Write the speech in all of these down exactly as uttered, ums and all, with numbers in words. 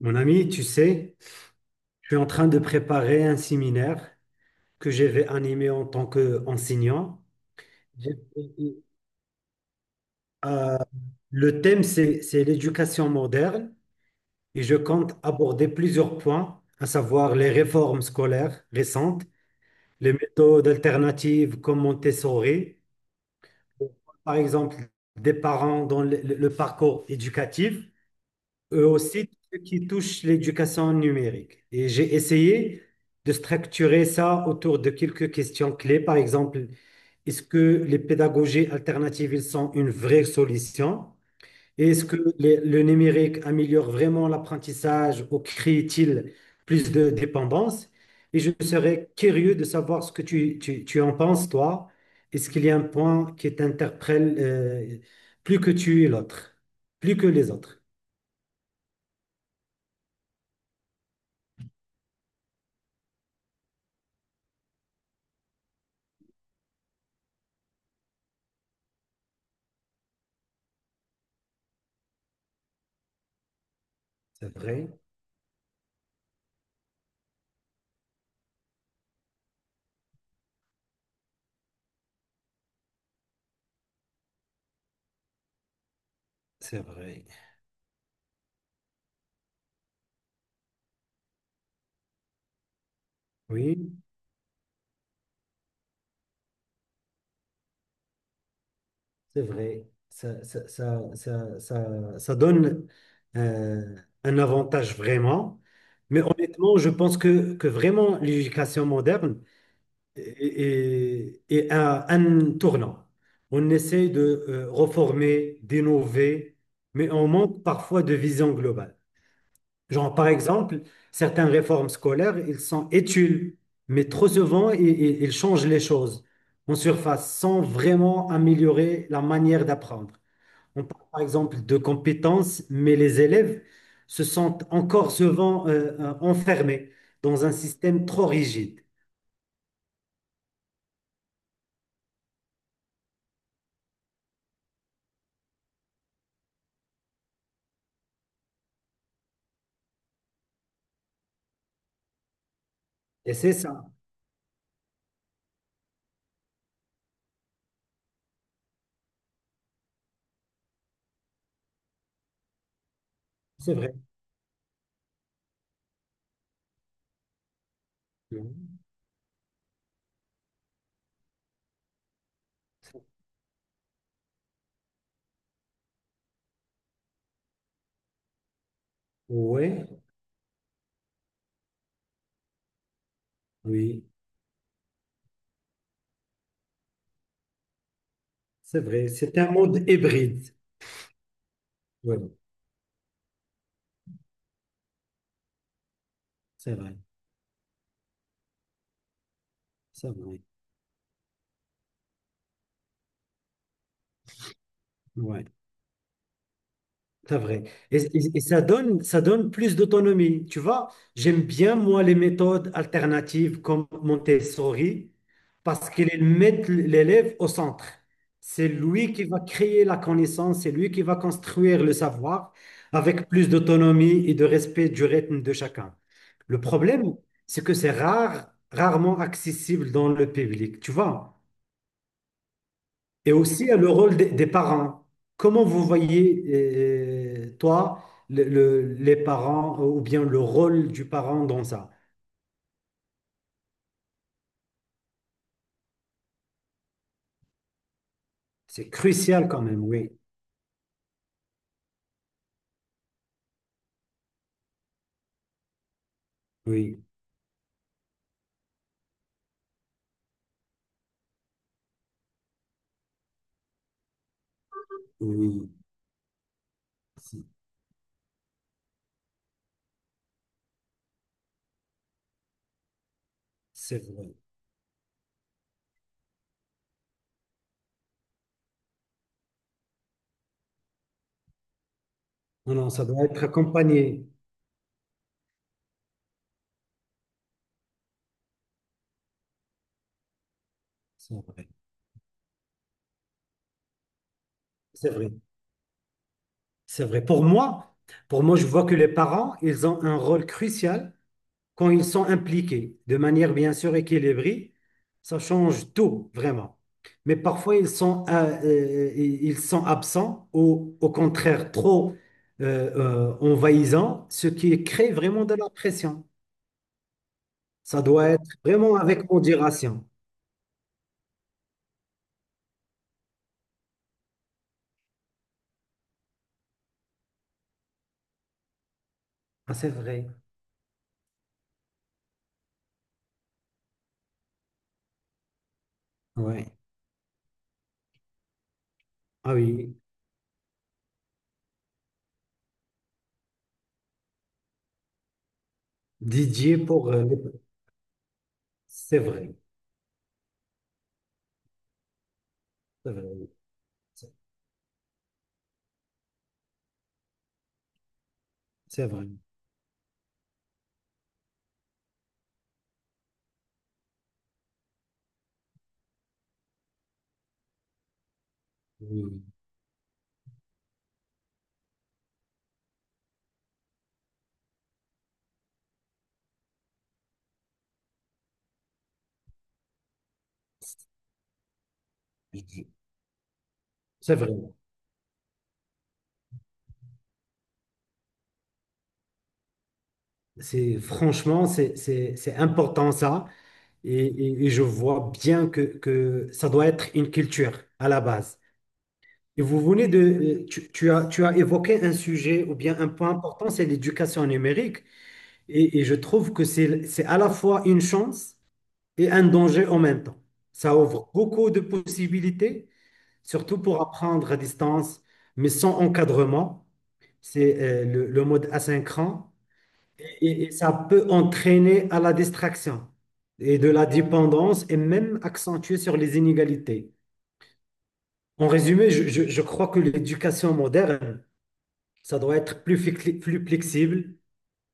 Mon ami, tu sais, je suis en train de préparer un séminaire que je vais animer en tant qu'enseignant. J'ai- euh, le thème, c'est, c'est l'éducation moderne et je compte aborder plusieurs points, à savoir les réformes scolaires récentes, les méthodes alternatives comme Montessori, par exemple, des parents dans le le- le parcours éducatif. Eux aussi ceux qui touchent l'éducation numérique. Et j'ai essayé de structurer ça autour de quelques questions clés. Par exemple, est-ce que les pédagogies alternatives ils sont une vraie solution? Et est-ce que les- le numérique améliore vraiment l'apprentissage ou crée-t-il plus de dépendance? Et je serais curieux de savoir ce que tu, tu, tu en penses, toi. Est-ce qu'il y a un point qui t'interpelle, euh, plus que tu et l'autre, plus que les autres? C'est vrai. C'est vrai. Oui, c'est vrai. Ça, ça, ça, ça, ça, ça donne euh, un avantage vraiment. Mais honnêtement, je pense que, que vraiment l'éducation moderne est, est- est à un tournant. On essaie de euh, reformer, d'innover, mais on manque parfois de vision globale. Genre, par exemple, certaines réformes scolaires, ils sont études, mais trop souvent, i- i- ils, changent les choses en surface sans vraiment améliorer la manière d'apprendre. On parle par exemple de compétences, mais les élèves se sentent encore souvent euh, euh, enfermés dans un système trop rigide. Et c'est ça, c'est vrai. Oui, oui, c'est vrai. C'est un mode hybride. Oui, c'est vrai, c'est vrai. Ouais. C'est vrai. Et, et- et ça donne, ça donne plus d'autonomie. Tu vois, j'aime bien, moi, les méthodes alternatives comme Montessori parce qu'elles mettent l'élève au centre. C'est lui qui va créer la connaissance, c'est lui qui va construire le savoir avec plus d'autonomie et de respect du rythme de chacun. Le problème, c'est que c'est rare, rarement accessible dans le public. Tu vois, et aussi euh, le rôle des, des parents. Comment vous voyez, euh, toi, le- le- les parents, euh, ou bien le rôle du parent dans ça? C'est crucial quand même, oui, oui, oui, c'est c'est vrai. Non, non, ça doit être accompagné. C'est vrai, c'est vrai, c'est vrai. Pour moi, pour moi, je vois que les parents, ils ont un rôle crucial quand ils sont impliqués de manière bien sûr équilibrée, ça change tout vraiment. Mais parfois, ils sont, euh, euh, ils sont absents ou au contraire trop euh, euh, envahissants, ce qui crée vraiment de la pression. Ça doit être vraiment avec modération. Ah, c'est vrai. Ouais. Ah oui. Didier pour... euh, les- c'est vrai. C'est vrai. C'est vrai. Oui. Oui. C'est vrai. C'est franchement, c'est c'est- c'est important ça. Et, et- et je vois bien que, que ça doit être une culture à la base. Et vous venez de, tu, tu as, tu as évoqué un sujet ou bien un point important, c'est l'éducation numérique. Et, et je trouve que c'est, c'est à la fois une chance et un danger en même temps. Ça ouvre beaucoup de possibilités, surtout pour apprendre à distance, mais sans encadrement. C'est euh, le, le mode asynchrone. Et, et ça peut entraîner à la distraction et de la dépendance et même accentuer sur les inégalités. En résumé, je, je- je crois que l'éducation moderne, ça doit être plus, fli- plus flexible,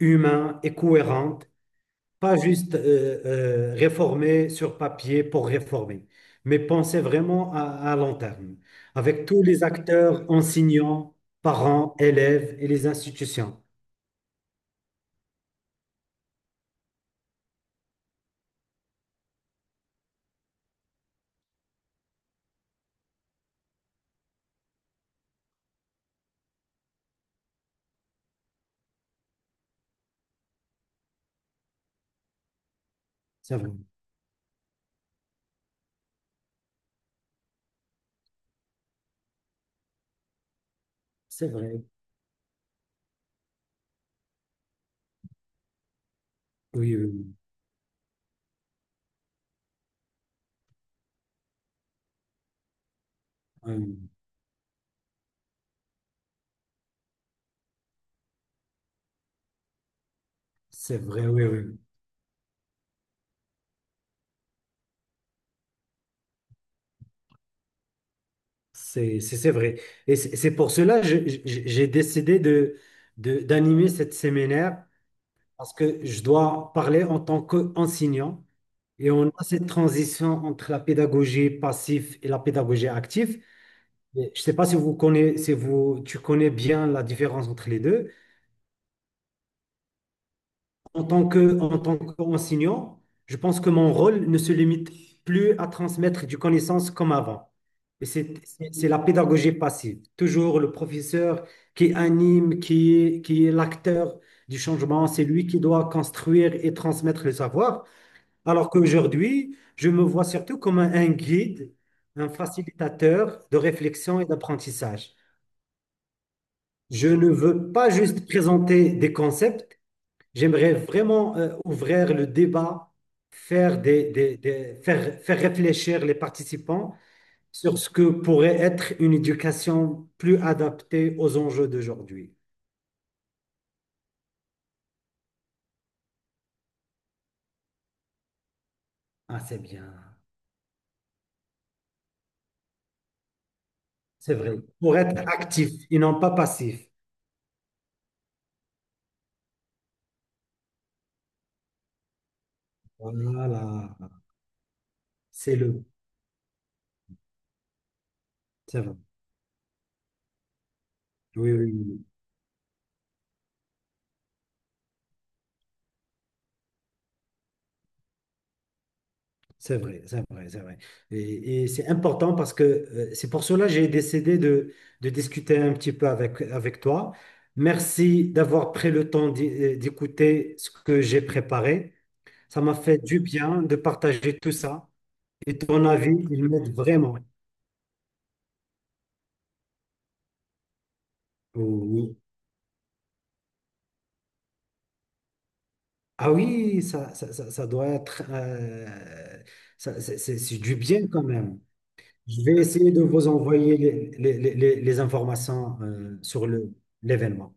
humain et cohérente, pas juste euh, euh, réformer sur papier pour réformer, mais penser vraiment à, à long terme, avec tous les acteurs, enseignants, parents, élèves et les institutions. C'est vrai, c'est vrai. Oui, oui. Oui. Ah oui. C'est vrai, oui, oui. C'est, c'est c'est vrai. Et c'est c'est pour cela que je- je- j'ai décidé de, de- d'animer cette séminaire parce que je dois parler en tant qu'enseignant et on a cette transition entre la pédagogie passive et la pédagogie active. Et je ne sais pas si vous connaissez, si vous, tu connais bien la différence entre les deux. En tant que, en tant qu'enseignant, je pense que mon rôle ne se limite plus à transmettre du connaissance comme avant. Et c'est c'est- c'est la pédagogie passive. Toujours le professeur qui anime, qui est, qui est l'acteur du changement. C'est lui qui doit construire et transmettre le savoir. Alors qu'aujourd'hui, je me vois surtout comme un un guide, un facilitateur de réflexion et d'apprentissage. Je ne veux pas juste présenter des concepts, j'aimerais vraiment euh, ouvrir le débat, faire, des, des- des- faire, faire réfléchir les participants sur ce que pourrait être une éducation plus adaptée aux enjeux d'aujourd'hui. Ah, c'est bien, c'est vrai. Pour être actif et non pas passif. Voilà, c'est le, c'est vrai. Oui, oui, oui. C'est vrai, c'est vrai, c'est vrai. Et, et c'est important parce que euh, c'est pour cela que j'ai décidé de, de discuter un petit peu avec, avec toi. Merci d'avoir pris le temps d'y- euh, d'écouter ce que j'ai préparé. Ça m'a fait du bien de partager tout ça. Et ton avis, il m'aide vraiment. Oui. Ah oui, ça, ça, ça, ça doit être... euh, ça- c'est c'est- c'est du bien quand même. Je vais essayer de vous envoyer les, les, les, les les informations euh, sur le, l'événement.